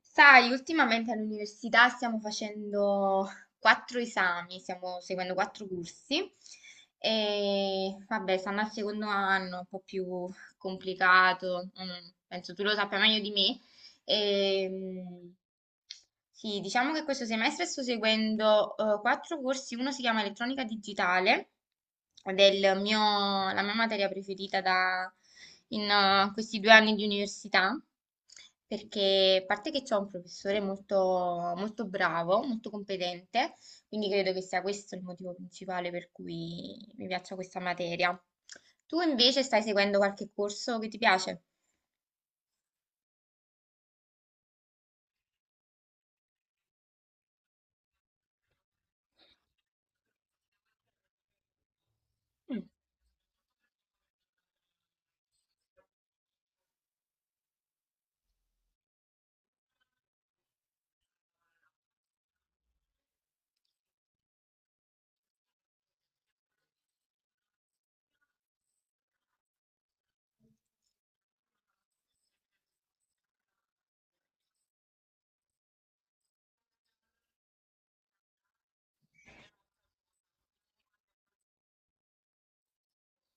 Sai, ultimamente all'università stiamo facendo quattro esami, stiamo seguendo quattro corsi e vabbè, stanno al secondo anno, un po' più complicato, mm, penso tu lo sappia meglio di me. Ehm, sì, diciamo che questo semestre sto seguendo quattro corsi, uno si chiama Elettronica Digitale, la mia materia preferita in questi due anni di università, perché a parte che ho un professore molto, molto bravo, molto competente, quindi credo che sia questo il motivo principale per cui mi piaccia questa materia. Tu invece stai seguendo qualche corso che ti piace? Mm.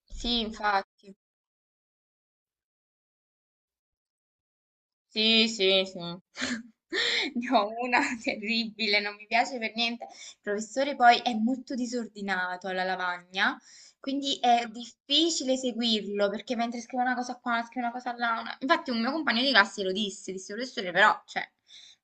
Sì, infatti. Sì, sì, sì. Ne ho una terribile, non mi piace per niente. Il professore poi è molto disordinato alla lavagna, quindi è difficile seguirlo perché mentre scrive una cosa qua, scrive una cosa là. Infatti un mio compagno di classe lo disse, disse professore, però, cioè,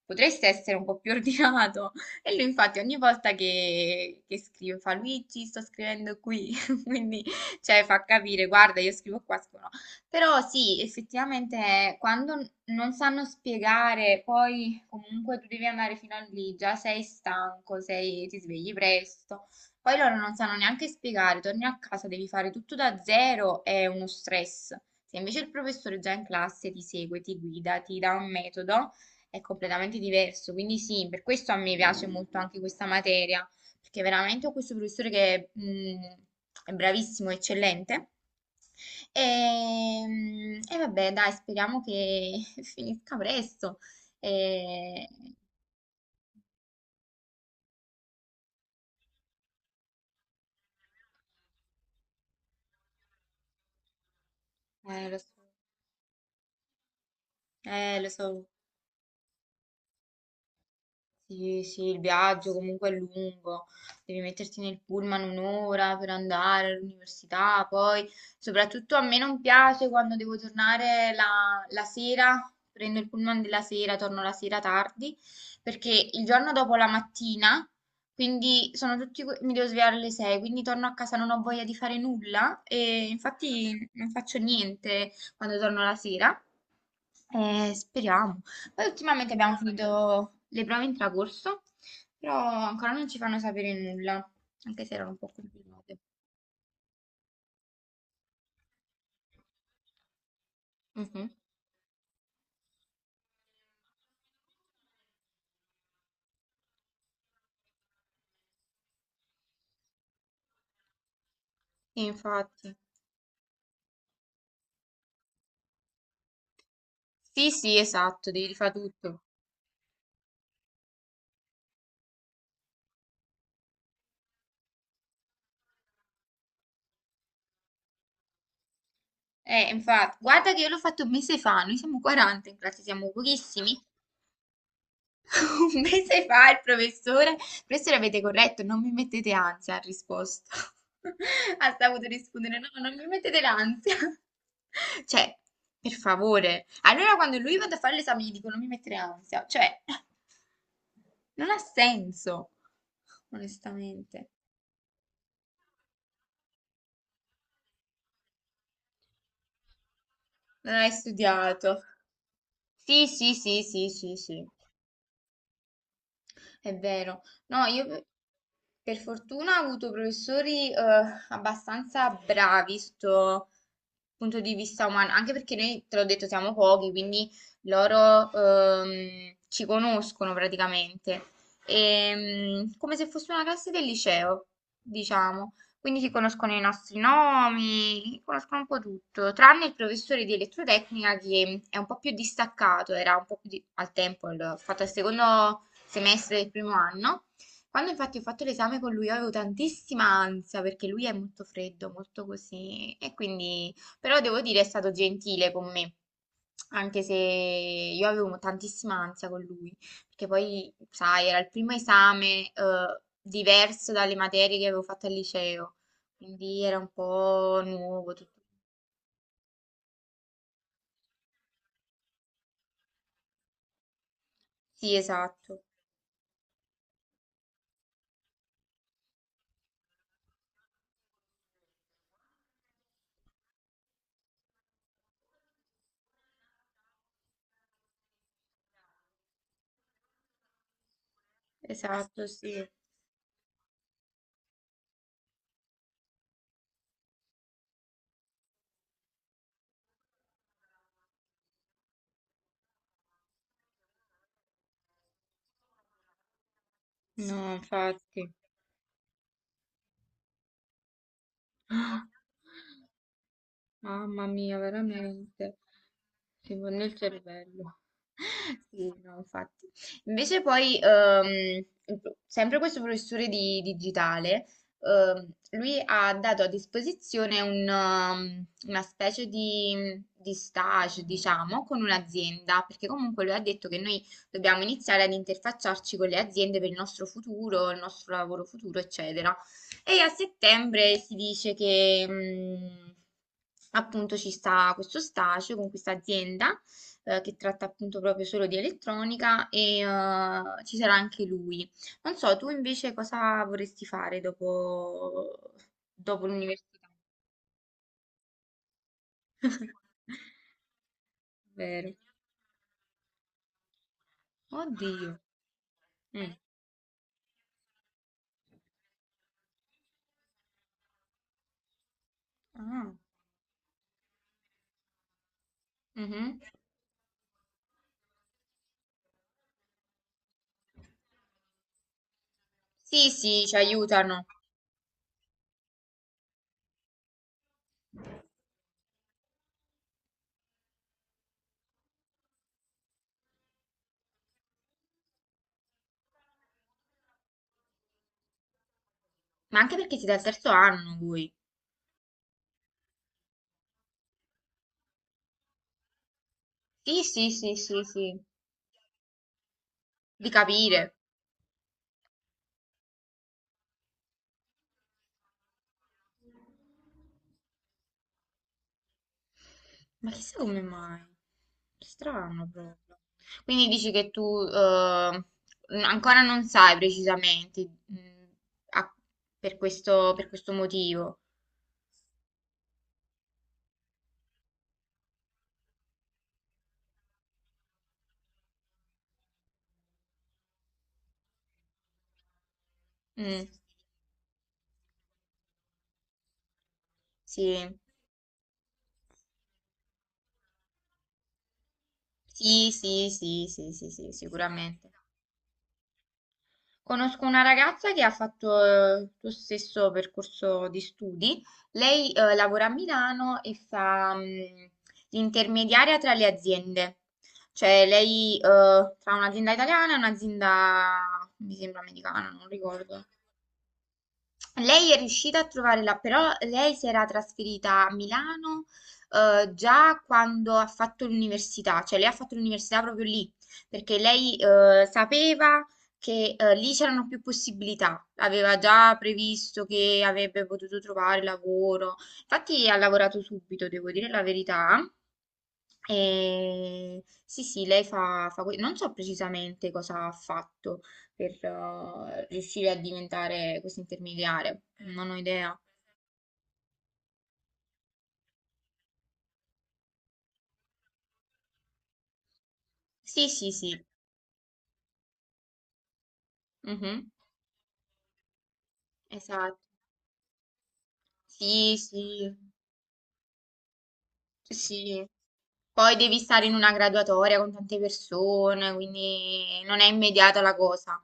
potreste essere un po' più ordinato. E lui infatti ogni volta che scrive fa Luigi, sto scrivendo qui, quindi cioè, fa capire, guarda, io scrivo qua, scrivo però sì, effettivamente quando non sanno spiegare, poi comunque tu devi andare fino a lì, già sei stanco, sei- ti svegli presto, poi loro non sanno neanche spiegare, torni a casa, devi fare tutto da zero, è uno stress. Se invece il professore già in classe ti segue, ti guida, ti dà un metodo, è completamente diverso. Quindi sì, per questo a me piace molto anche questa materia, perché veramente ho questo professore che è bravissimo, eccellente. E, e vabbè, dai, speriamo che finisca presto. E- lo so, lo so. Sì, sì, il viaggio comunque è lungo, devi metterti nel pullman un'ora per andare all'università, poi soprattutto a me non piace quando devo tornare la sera, prendo il pullman della sera, torno la sera tardi, perché il giorno dopo la mattina, quindi sono tutti, que- mi devo svegliare alle 6, quindi torno a casa non ho voglia di fare nulla e infatti non faccio niente quando torno la sera. Speriamo. Poi ultimamente abbiamo finito le prove in tracorso, però ancora non ci fanno sapere nulla, anche se erano un po' complicate. Mhm. Sì, infatti. Sì, sì, esatto, devi rifare tutto. Infatti, guarda che io l'ho fatto un mese fa, noi siamo 40 in classe, siamo pochissimi. Un mese fa il professore, professore avete corretto, non mi mettete ansia, ha risposto. Ha saputo rispondere, no, non mi mettete l'ansia. Cioè, per favore. Allora quando lui vado a fare l'esame gli dico non mi mettere ansia. Cioè, non ha senso, onestamente. Non hai studiato. Sì, sì, sì, sì, sì, sì. È vero. No, per fortuna ho avuto professori abbastanza bravi sotto punto di vista umano, anche perché noi, te l'ho detto, siamo pochi, quindi loro ci conoscono praticamente. E, mm, come se fosse una classe del liceo, diciamo. Quindi si conoscono i nostri nomi, conoscono un po' tutto, tranne il professore di elettrotecnica che è un po' più distaccato, era un po' più di- al tempo, il- ho fatto il secondo semestre del primo anno. Quando infatti ho fatto l'esame con lui io avevo tantissima ansia perché lui è molto freddo, molto così e quindi però devo dire è stato gentile con me, anche se io avevo tantissima ansia con lui, perché poi sai, era il primo esame diverso dalle materie che avevo fatto al liceo, quindi era un po' nuovo tutto. Sì, esatto. Esatto, sì. No, infatti. Mamma mia, veramente. Si vuole il cervello. Sì, no, infatti. Invece poi, sempre questo professore di digitale, ehm, lui ha dato a disposizione una specie di stage, diciamo, con un'azienda, perché comunque lui ha detto che noi dobbiamo iniziare ad interfacciarci con le aziende per il nostro futuro, il nostro lavoro futuro, eccetera. E a settembre si dice che appunto ci sta questo stagio con questa azienda che tratta appunto proprio solo di elettronica e ci sarà anche lui. Non so, tu invece cosa vorresti fare dopo, dopo l'università? Vero. Oddio. Mm. Ah, mhm. Sì, sì, ci aiutano. Ma anche perché siete al terzo anno voi. Sì, sì, sì, sì, sì. Di capire. Ma chissà come mai. Strano proprio. Quindi dici che tu ancora non sai precisamente mm, a- per questo motivo. Mm, sì. Sì, sì, sì, sì, sì, sì, sicuramente. Conosco una ragazza che ha fatto il tuo stesso percorso di studi. Lei lavora a Milano e fa l'intermediaria tra le aziende. Cioè lei tra un'azienda italiana e un'azienda, mi sembra americana, non ricordo. Lei è riuscita a trovare la, però lei si era trasferita a Milano già quando ha fatto l'università, cioè lei ha fatto l'università proprio lì, perché lei sapeva che lì c'erano più possibilità, aveva già previsto che avrebbe potuto trovare lavoro, infatti ha lavorato subito, devo dire la verità, e sì, sì, lei fa, non so precisamente cosa ha fatto per riuscire a diventare questo intermediario, non ho idea. Sì, sì, sì, mhm. Esatto. Sì, sì. Sì, poi devi stare in una graduatoria con tante persone, quindi non è immediata la cosa.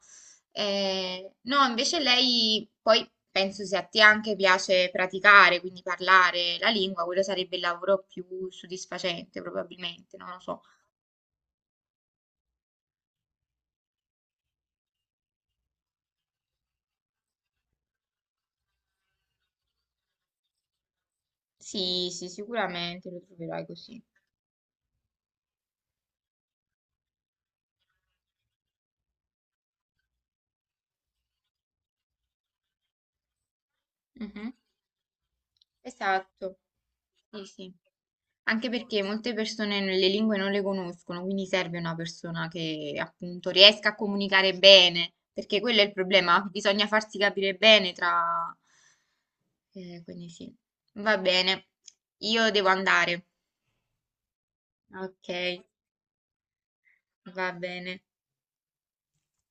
No, invece lei poi penso se a te anche piace praticare, quindi parlare la lingua, quello sarebbe il lavoro più soddisfacente probabilmente, non lo so. Sì, sì, sicuramente lo troverai così. Mhm. Esatto, sì, sì. Anche perché molte persone le lingue non le conoscono, quindi serve una persona che appunto riesca a comunicare bene, perché quello è il problema, bisogna farsi capire bene tra... quindi sì, va bene, io devo andare. Ok, va bene.